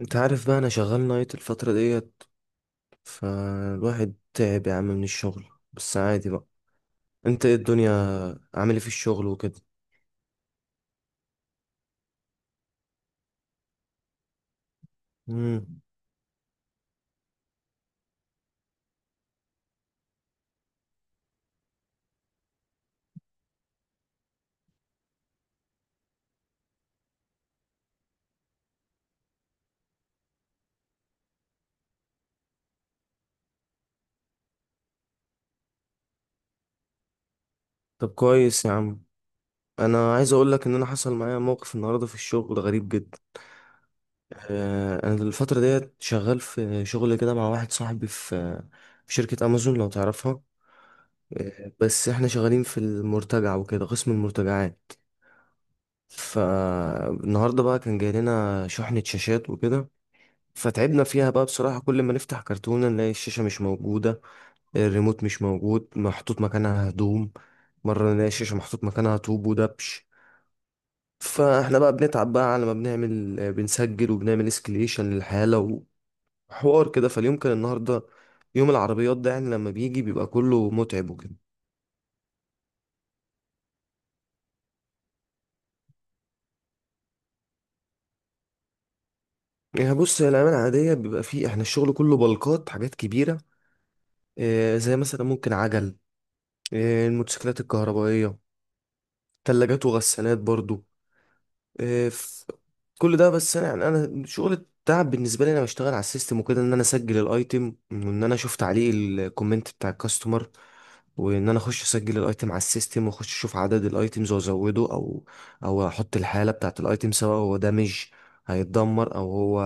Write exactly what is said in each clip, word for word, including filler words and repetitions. انت عارف بقى انا شغال نايت الفترة ديت، فالواحد تعب يا عم من الشغل. بس عادي بقى. انت ايه الدنيا؟ عامل ايه في الشغل وكده؟ مم. طب كويس يا عم. انا عايز اقول لك ان انا حصل معايا موقف النهارده في الشغل غريب جدا. آه، انا الفترة ديت شغال في شغل كده مع واحد صاحبي في في شركة امازون لو تعرفها. آه، بس احنا شغالين في المرتجع وكده، قسم المرتجعات. فالنهارده بقى كان جاي لنا شحنة شاشات وكده، فتعبنا فيها بقى بصراحة. كل ما نفتح كرتونة نلاقي الشاشة مش موجودة، الريموت مش موجود، محطوط مكانها هدوم. مرة نلاقي الشاشة محطوط مكانها طوب ودبش. فاحنا بقى بنتعب بقى على ما بنعمل، بنسجل وبنعمل اسكليشن للحالة وحوار كده. فاليوم كان النهاردة يوم العربيات ده، يعني لما بيجي بيبقى كله متعب وكده. يعني بص، هي الأيام العادية بيبقى فيه احنا الشغل كله بلقات حاجات كبيرة. آه، زي مثلا ممكن عجل، آه، الموتوسيكلات الكهربائية، تلاجات وغسالات برضو. آه، كل ده. بس انا يعني انا شغل التعب بالنسبه لي، انا بشتغل على السيستم وكده، ان انا اسجل الايتم وان انا اشوف تعليق الكومنت بتاع الكاستمر، وان انا اخش اسجل الايتم على السيستم واخش اشوف عدد الايتمز وازوده، او او احط الحاله بتاعت الايتم، سواء هو دامج هيتدمر، او هو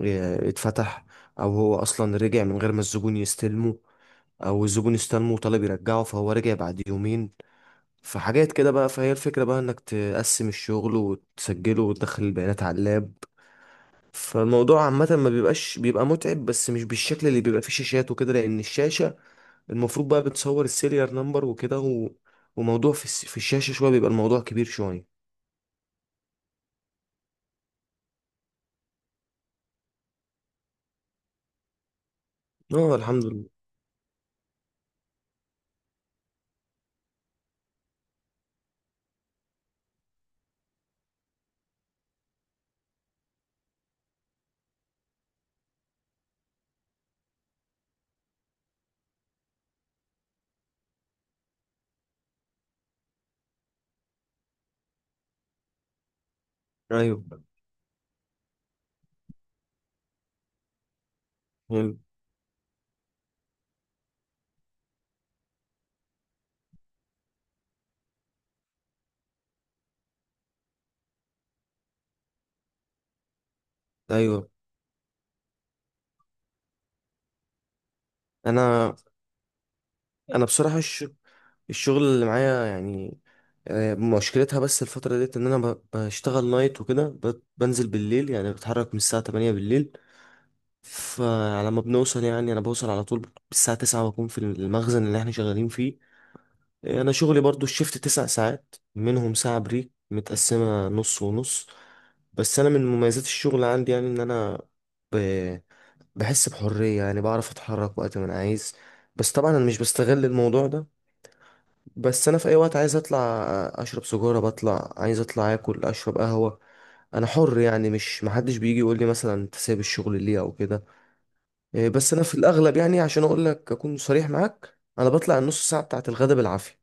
اه، اتفتح، او هو اصلا رجع من غير ما الزبون يستلمه، او الزبون استلمه وطلب يرجعه فهو رجع بعد يومين. فحاجات كده بقى. فهي الفكره بقى انك تقسم الشغل وتسجله وتدخل البيانات على اللاب. فالموضوع عامة ما بيبقاش، بيبقى متعب بس مش بالشكل اللي بيبقى فيه شاشات وكده، لأن الشاشة المفروض بقى بتصور السيريال نمبر وكده و... وموضوع في, الس... في الشاشة شوية بيبقى الموضوع كبير شوية. اه الحمد لله. ايوه حلو. ايوه انا انا بصراحة الش... الشغل اللي معايا يعني آه، مشكلتها بس الفترة ديت ان انا ب- بشتغل نايت وكده، ب- بنزل بالليل يعني، بتحرك من الساعة تمانية بالليل. فعلى ما بنوصل يعني انا بوصل على طول الساعة تسعة بكون في المخزن اللي احنا شغالين فيه. انا شغلي برضو الشيفت تسع ساعات، منهم ساعة بريك متقسمة نص ونص. بس انا من مميزات الشغل عندي، يعني ان انا ب... بحس بحرية، يعني بعرف اتحرك وقت ما انا عايز. بس طبعا انا مش بستغل الموضوع ده. بس انا في اي وقت عايز اطلع اشرب سيجارة بطلع، عايز اطلع اكل اشرب قهوة. انا حر يعني، مش محدش بيجي يقول لي مثلا انت سايب الشغل ليه او كده. إيه، بس انا في الاغلب يعني، عشان اقول لك اكون صريح معاك، انا بطلع النص ساعة بتاعت الغدا بالعافية.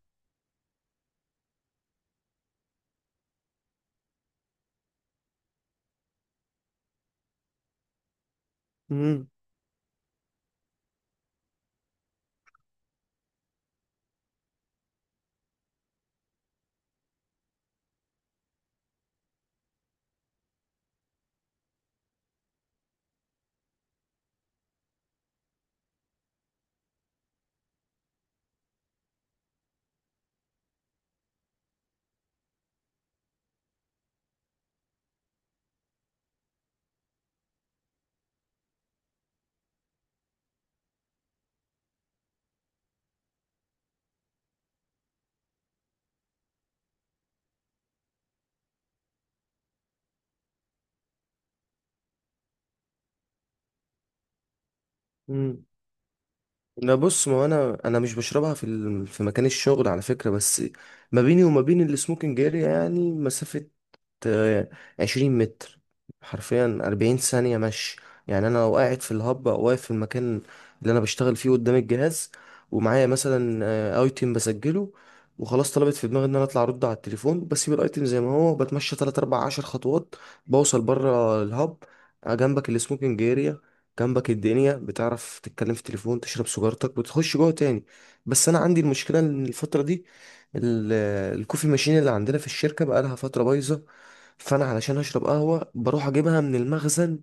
امم لا بص، ما هو انا انا مش بشربها في ال- في مكان الشغل على فكره، بس ما بيني وما بين السموكنج اريا يعني مسافه آه، عشرين متر، حرفيا أربعين ثانية مشي. يعني أنا لو قاعد في الهب، أو واقف في المكان اللي أنا بشتغل فيه قدام الجهاز ومعايا مثلا آه، أيتم بسجله، وخلاص طلبت في دماغي إن أنا أطلع أرد على التليفون، بسيب الأيتم زي ما هو، بتمشى تلات أربع عشر خطوات بوصل بره الهب. آه، جنبك السموكينج اريا، جنبك الدنيا، بتعرف تتكلم في التليفون، تشرب سيجارتك، وتخش جوه تاني. بس أنا عندي المشكلة إن الفترة دي ال- الكوفي ماشين اللي عندنا في الشركة بقالها فترة بايظة، فانا علشان اشرب قهوه بروح اجيبها من المخزن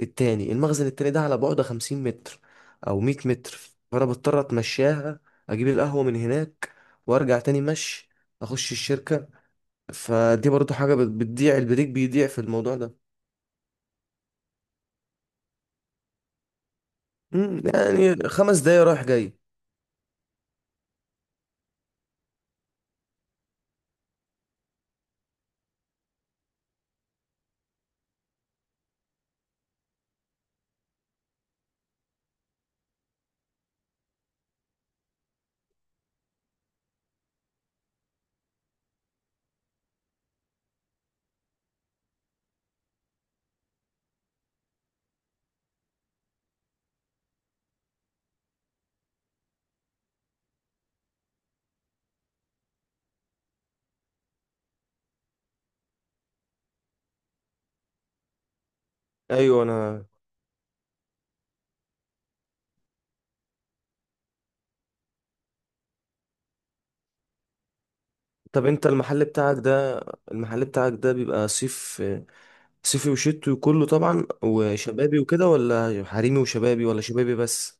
التاني. المخزن التاني ده على بعد 50 متر او 100 متر، فانا بضطر اتمشاها، اجيب القهوه من هناك وارجع تاني مشي اخش الشركه. فدي برضو حاجه بت- بتضيع، البريك بيضيع في الموضوع ده. مم، يعني خمس دقايق رايح جاي. ايوه انا طب انت المحل بتاعك ده، المحل بتاعك ده بيبقى صيف صيفي وشتوي كله طبعا، وشبابي وكده، ولا حريمي وشبابي، ولا شبابي بس؟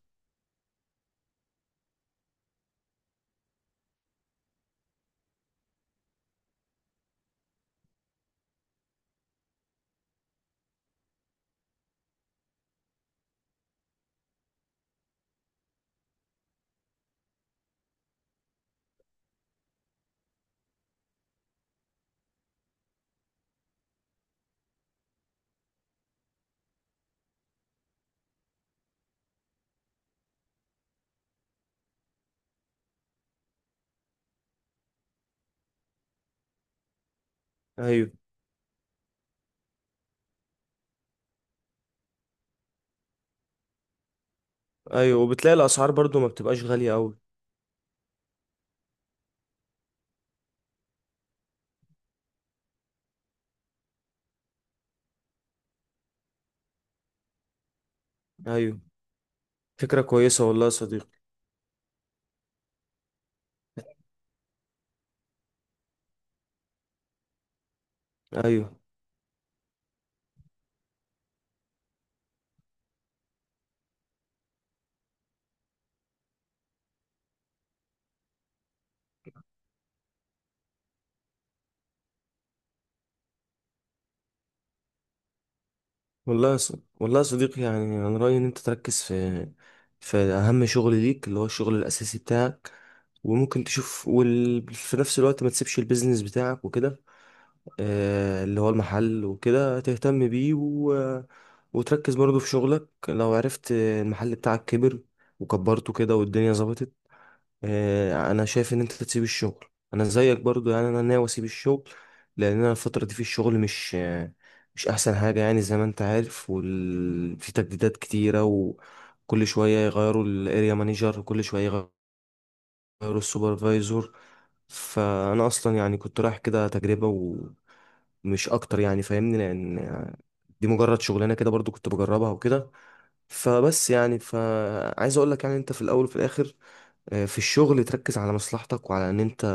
ايوه. ايوه وبتلاقي الاسعار برضو ما بتبقاش غالية قوي. ايوه، فكرة كويسة والله يا صديقي. ايوه والله يا ص... والله يا صديقي، يعني انا رأيي ان انت تركز في في اهم شغل ليك، اللي هو الشغل الاساسي بتاعك. وممكن تشوف وال... في نفس الوقت ما تسيبش البيزنس بتاعك وكده، آه اللي هو المحل وكده، تهتم بيه و... وتركز برضو في شغلك. لو عرفت المحل بتاعك كبر وكبرته كده والدنيا ظبطت، آه، انا شايف ان انت تسيب الشغل. انا زيك برضو يعني، انا ناوي اسيب الشغل لان انا الفتره دي في الشغل مش آه، مش احسن حاجه يعني زي ما انت عارف، وال... في تجديدات كتيره، وكل شويه يغيروا الاريا مانجر، وكل شويه يغيروا السوبرفايزور. فانا اصلا يعني كنت رايح كده تجربه ومش اكتر يعني، فاهمني، لان آه، دي مجرد شغلانه كده برضو كنت بجربها وكده. فبس يعني، فعايز اقول لك يعني، انت في الاول وفي الاخر آه، في الشغل تركز على مصلحتك، وعلى ان انت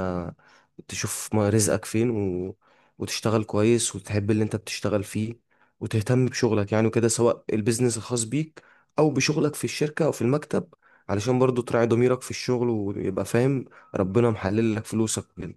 تشوف ما- رزقك فين و... وتشتغل كويس، وتحب اللي انت بتشتغل فيه، وتهتم بشغلك يعني وكده، سواء البيزنس الخاص بيك او بشغلك في الشركة او في المكتب، علشان برضو تراعي ضميرك في الشغل ويبقى فاهم ربنا محلل لك فلوسك كده.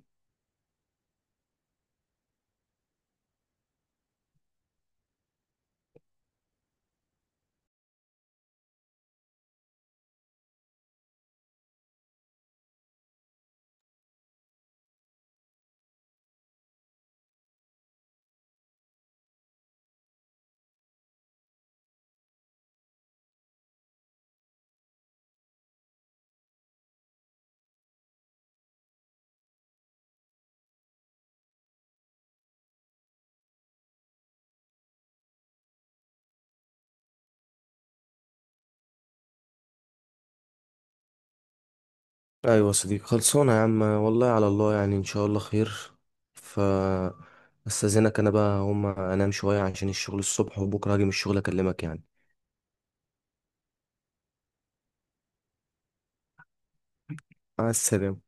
ايوه يا صديقي، خلصانه يا عم، والله على الله، يعني ان شاء الله خير. ف استاذنك انا بقى، هم انام شويه عشان الشغل الصبح، وبكره هاجي من الشغل اكلمك يعني. مع السلامه.